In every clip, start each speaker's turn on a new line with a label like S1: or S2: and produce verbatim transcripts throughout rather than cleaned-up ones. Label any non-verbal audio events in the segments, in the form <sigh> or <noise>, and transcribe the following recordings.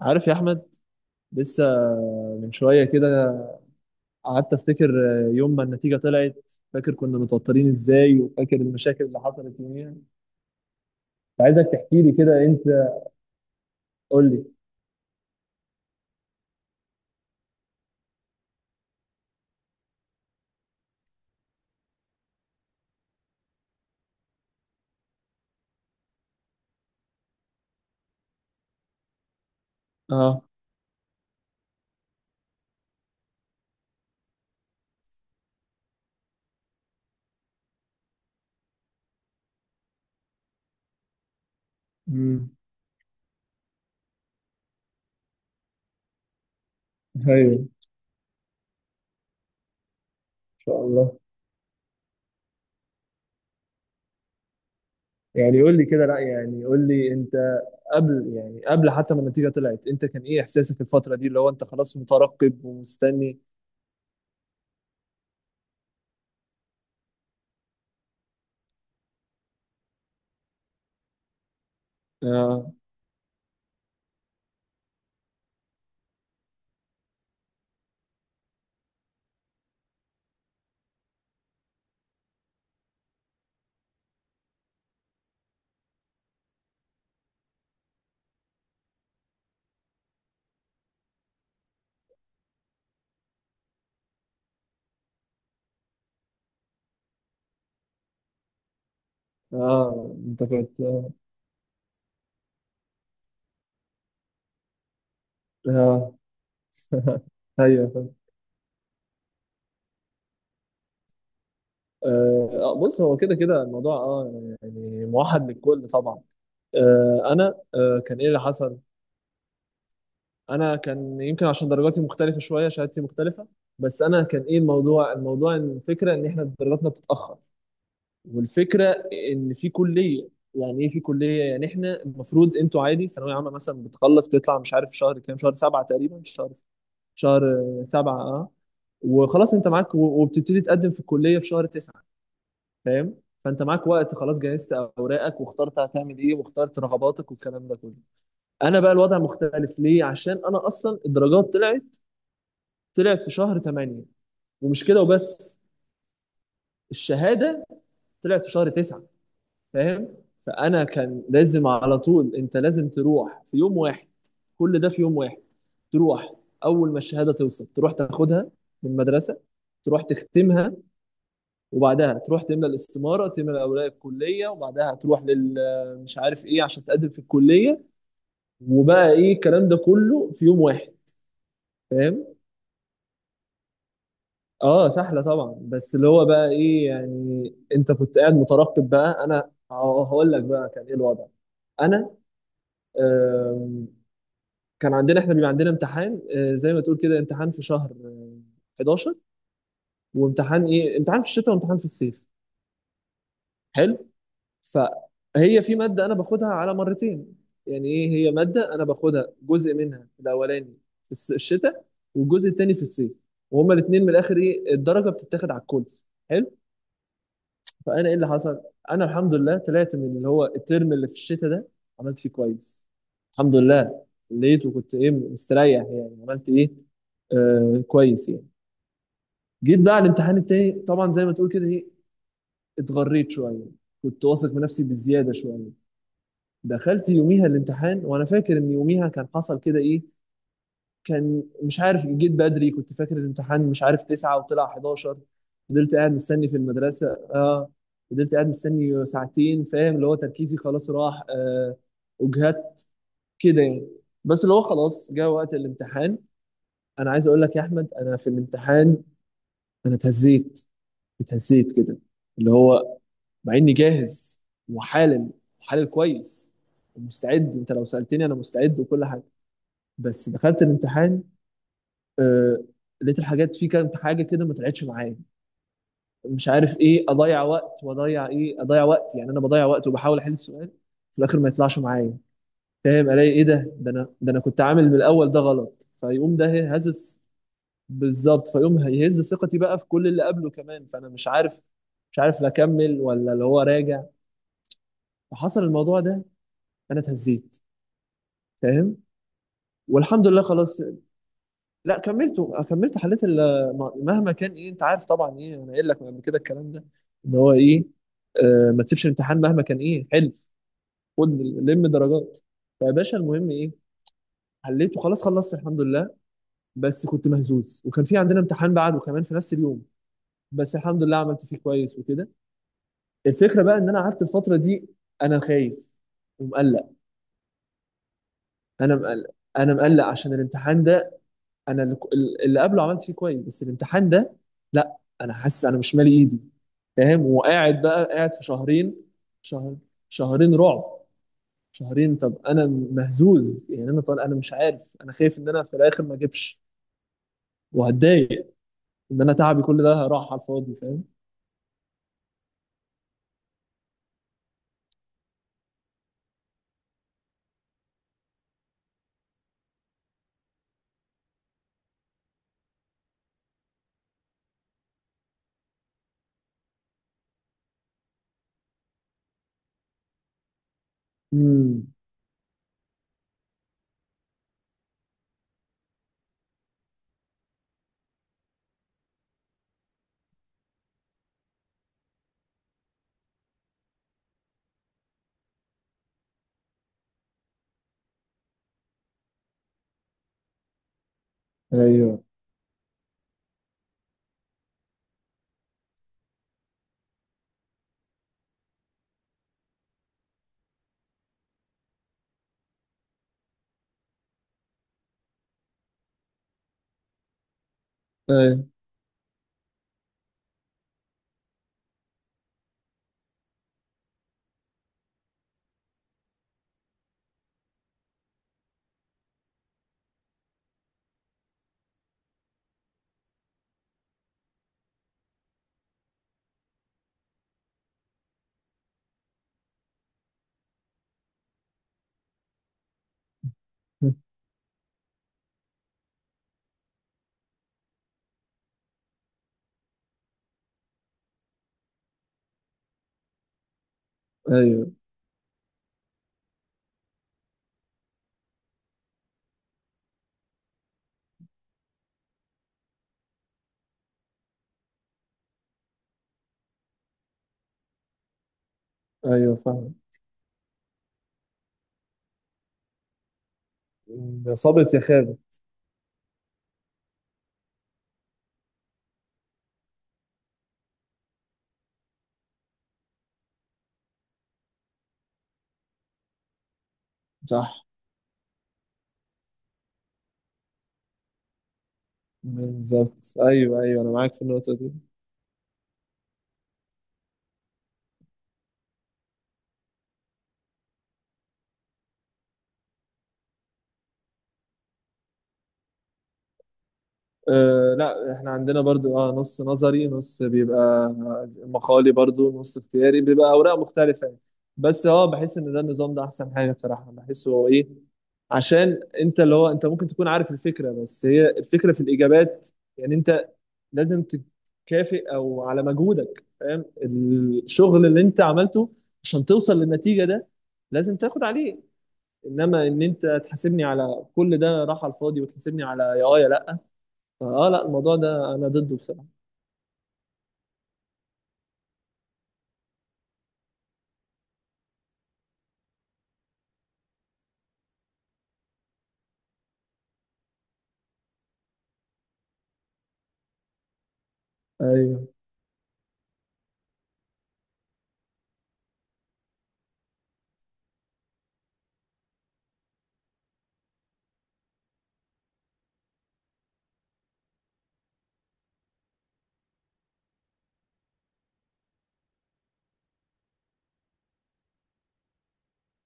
S1: عارف يا احمد لسه. من شويه كده قعدت افتكر يوم ما النتيجه طلعت، فاكر كنا متوترين ازاي وفاكر المشاكل اللي حصلت يوميها. عايزك تحكي لي كده انت. قول لي. اه امم ايوه ان شاء الله. يعني قول لي كده، لا يعني قول لي انت قبل، يعني قبل حتى ما النتيجه طلعت انت كان ايه احساسك الفتره دي اللي هو انت خلاص مترقب ومستني؟ اه. اه انت كنت. اه. <laughs> ايوه. آه، آه، بص هو كده كده الموضوع اه، يعني موحد للكل طبعا. آه، انا آه، كان ايه اللي حصل؟ انا كان يمكن عشان درجاتي مختلفه شويه، شهادتي مختلفه. بس انا كان ايه الموضوع، الموضوع إن الفكره ان احنا درجاتنا بتتاخر، والفكره ان في كليه. يعني ايه في كليه؟ يعني احنا المفروض انتوا عادي ثانويه عامه مثلا بتخلص بتطلع مش عارف شهر كام، شهر سبعه تقريبا. شهر، شهر سبعه اه. وخلاص انت معاك و- وبتبتدي تقدم في الكليه في شهر تسعه. فاهم؟ فانت معاك وقت، خلاص جهزت اوراقك واخترت هتعمل ايه واخترت رغباتك والكلام ده كله. انا بقى الوضع مختلف ليه؟ عشان انا اصلا الدرجات طلعت، طلعت في شهر تمانية. ومش كده وبس، الشهاده طلعت في شهر تسعه. فاهم؟ فانا كان لازم على طول، انت لازم تروح في يوم واحد، كل ده في يوم واحد. تروح اول ما الشهاده توصل تروح تاخدها من المدرسه، تروح تختمها، وبعدها تروح تملى الاستماره، تملى اوراق الكليه، وبعدها تروح لل مش عارف ايه عشان تقدم في الكليه. وبقى ايه الكلام ده كله في يوم واحد. فاهم؟ اه سهله طبعا، بس اللي هو بقى ايه يعني انت كنت قاعد مترقب بقى. انا ه- هقول لك بقى كان ايه الوضع. انا آم، كان عندنا احنا بيبقى عندنا امتحان آه، زي ما تقول كده امتحان في شهر آه، حداشر. وامتحان ايه؟ امتحان في الشتاء وامتحان في الصيف. حلو. فهي في مادة أنا باخدها على مرتين. يعني إيه؟ هي مادة أنا باخدها جزء منها الأولاني في الس- الشتاء، والجزء التاني في الصيف، وهما الاتنين من الآخر إيه، الدرجة بتتاخد على الكل. حلو. فأنا إيه اللي حصل؟ أنا الحمد لله طلعت من اللي هو الترم اللي في الشتاء ده عملت فيه كويس الحمد لله. لقيت وكنت إيه، مستريح يعني، عملت إيه آه كويس يعني. جيت بقى على الامتحان التاني طبعا زي ما تقول كده إيه، اتغريت شوية، كنت واثق من نفسي بزيادة شوية. دخلت يوميها الامتحان وانا فاكر ان يوميها كان حصل كده ايه، كان مش عارف جيت بدري، كنت فاكر الامتحان مش عارف تسعه وطلع حداشر. فضلت قاعد مستني في المدرسة. اه. فضلت قاعد مستني ساعتين، فاهم، اللي هو تركيزي خلاص راح آه، وجهت كده يعني. بس اللي هو خلاص جه وقت الامتحان. انا عايز اقول لك يا احمد، انا في الامتحان انا اتهزيت، اتهزيت كده. اللي هو مع اني جاهز وحالم، حالل كويس ومستعد، انت لو سألتني انا مستعد وكل حاجة. بس دخلت الامتحان آه، لقيت الحاجات في كام حاجه كده ما طلعتش معايا، مش عارف ايه، اضيع وقت واضيع ايه، اضيع وقت يعني، انا بضيع وقت وبحاول احل السؤال في الاخر ما يطلعش معايا. فاهم؟ الاقي ايه ده، ده انا ده انا كنت عامل من الاول ده غلط، فيقوم ده هزس. بالظبط، فيقوم هيهز ثقتي بقى في كل اللي قبله كمان، فانا مش عارف مش عارف لا اكمل ولا اللي هو راجع. فحصل الموضوع ده، انا اتهزيت. فاهم؟ والحمد لله خلاص. لا كملته، كملت حليت ال- مهما كان ايه، انت عارف طبعا ايه، انا قايل لك من قبل كده الكلام ده، ان هو ايه، آه ما تسيبش الامتحان مهما كان ايه، حلف، خد، لم درجات. فيا باشا المهم ايه، حليته خلاص خلصت الحمد لله. بس كنت مهزوز، وكان في عندنا امتحان بعده كمان في نفس اليوم، بس الحمد لله عملت فيه كويس وكده. الفكره بقى ان انا قعدت الفتره دي انا خايف ومقلق. انا مقلق انا مقلق عشان الامتحان ده. انا اللي اللي قبله عملت فيه كويس، بس الامتحان ده لا، انا حاسس انا مش مالي ايدي. فاهم؟ وقاعد بقى قاعد في شهرين. شهر شهرين رعب. شهرين، طب انا مهزوز يعني، انا طالع انا مش عارف، انا خايف ان انا في الاخر ما اجيبش وهتضايق ان انا تعبي كل ده راح على الفاضي. فاهم؟ امم. ايوه ايوه ايوه ايوه فاهم. إن صابت يا خابت. صح. بالظبط ايوه، ايوه انا معاك في النقطه دي. أه لا احنا عندنا برضو اه، نص نظري نص بيبقى مقالي، برضو نص اختياري بيبقى اوراق مختلفة يعني. بس اه بحس ان ده النظام ده احسن حاجة بصراحة، بحسه هو ايه، عشان انت اللي هو انت ممكن تكون عارف الفكرة، بس هي الفكرة في الاجابات. يعني انت لازم تكافئ او على مجهودك، فاهم، الشغل اللي انت عملته عشان توصل للنتيجة ده لازم تاخد عليه. انما ان انت تحاسبني على كل ده راح على الفاضي وتحاسبني على يا اه يا لا، اه لا الموضوع ده انا ضده بصراحه. ايوه.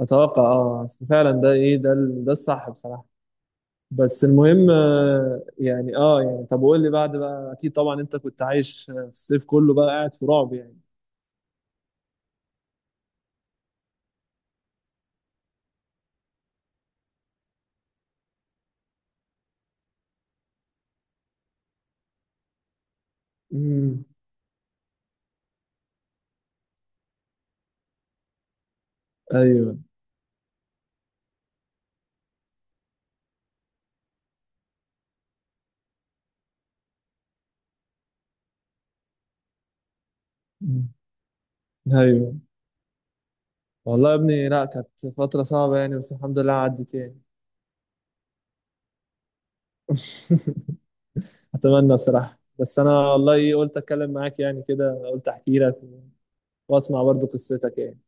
S1: اتوقع اه، أصل فعلا ده ايه ده، ال- ده الصح بصراحه. بس المهم آه، يعني اه يعني، طب وقول لي بعد بقى، اكيد طبعا انت كنت عايش آه، في الصيف كله بقى قاعد في رعب يعني. امم. ايوه. مم. ايوه. والله يا ابني لا كانت فتره صعبه يعني، بس الحمد لله عدت يعني. <laughs> اتمنى بصراحه. بس انا والله إيه، قلت اتكلم معاك يعني كده، قلت احكي لك واسمع برضو قصتك يعني.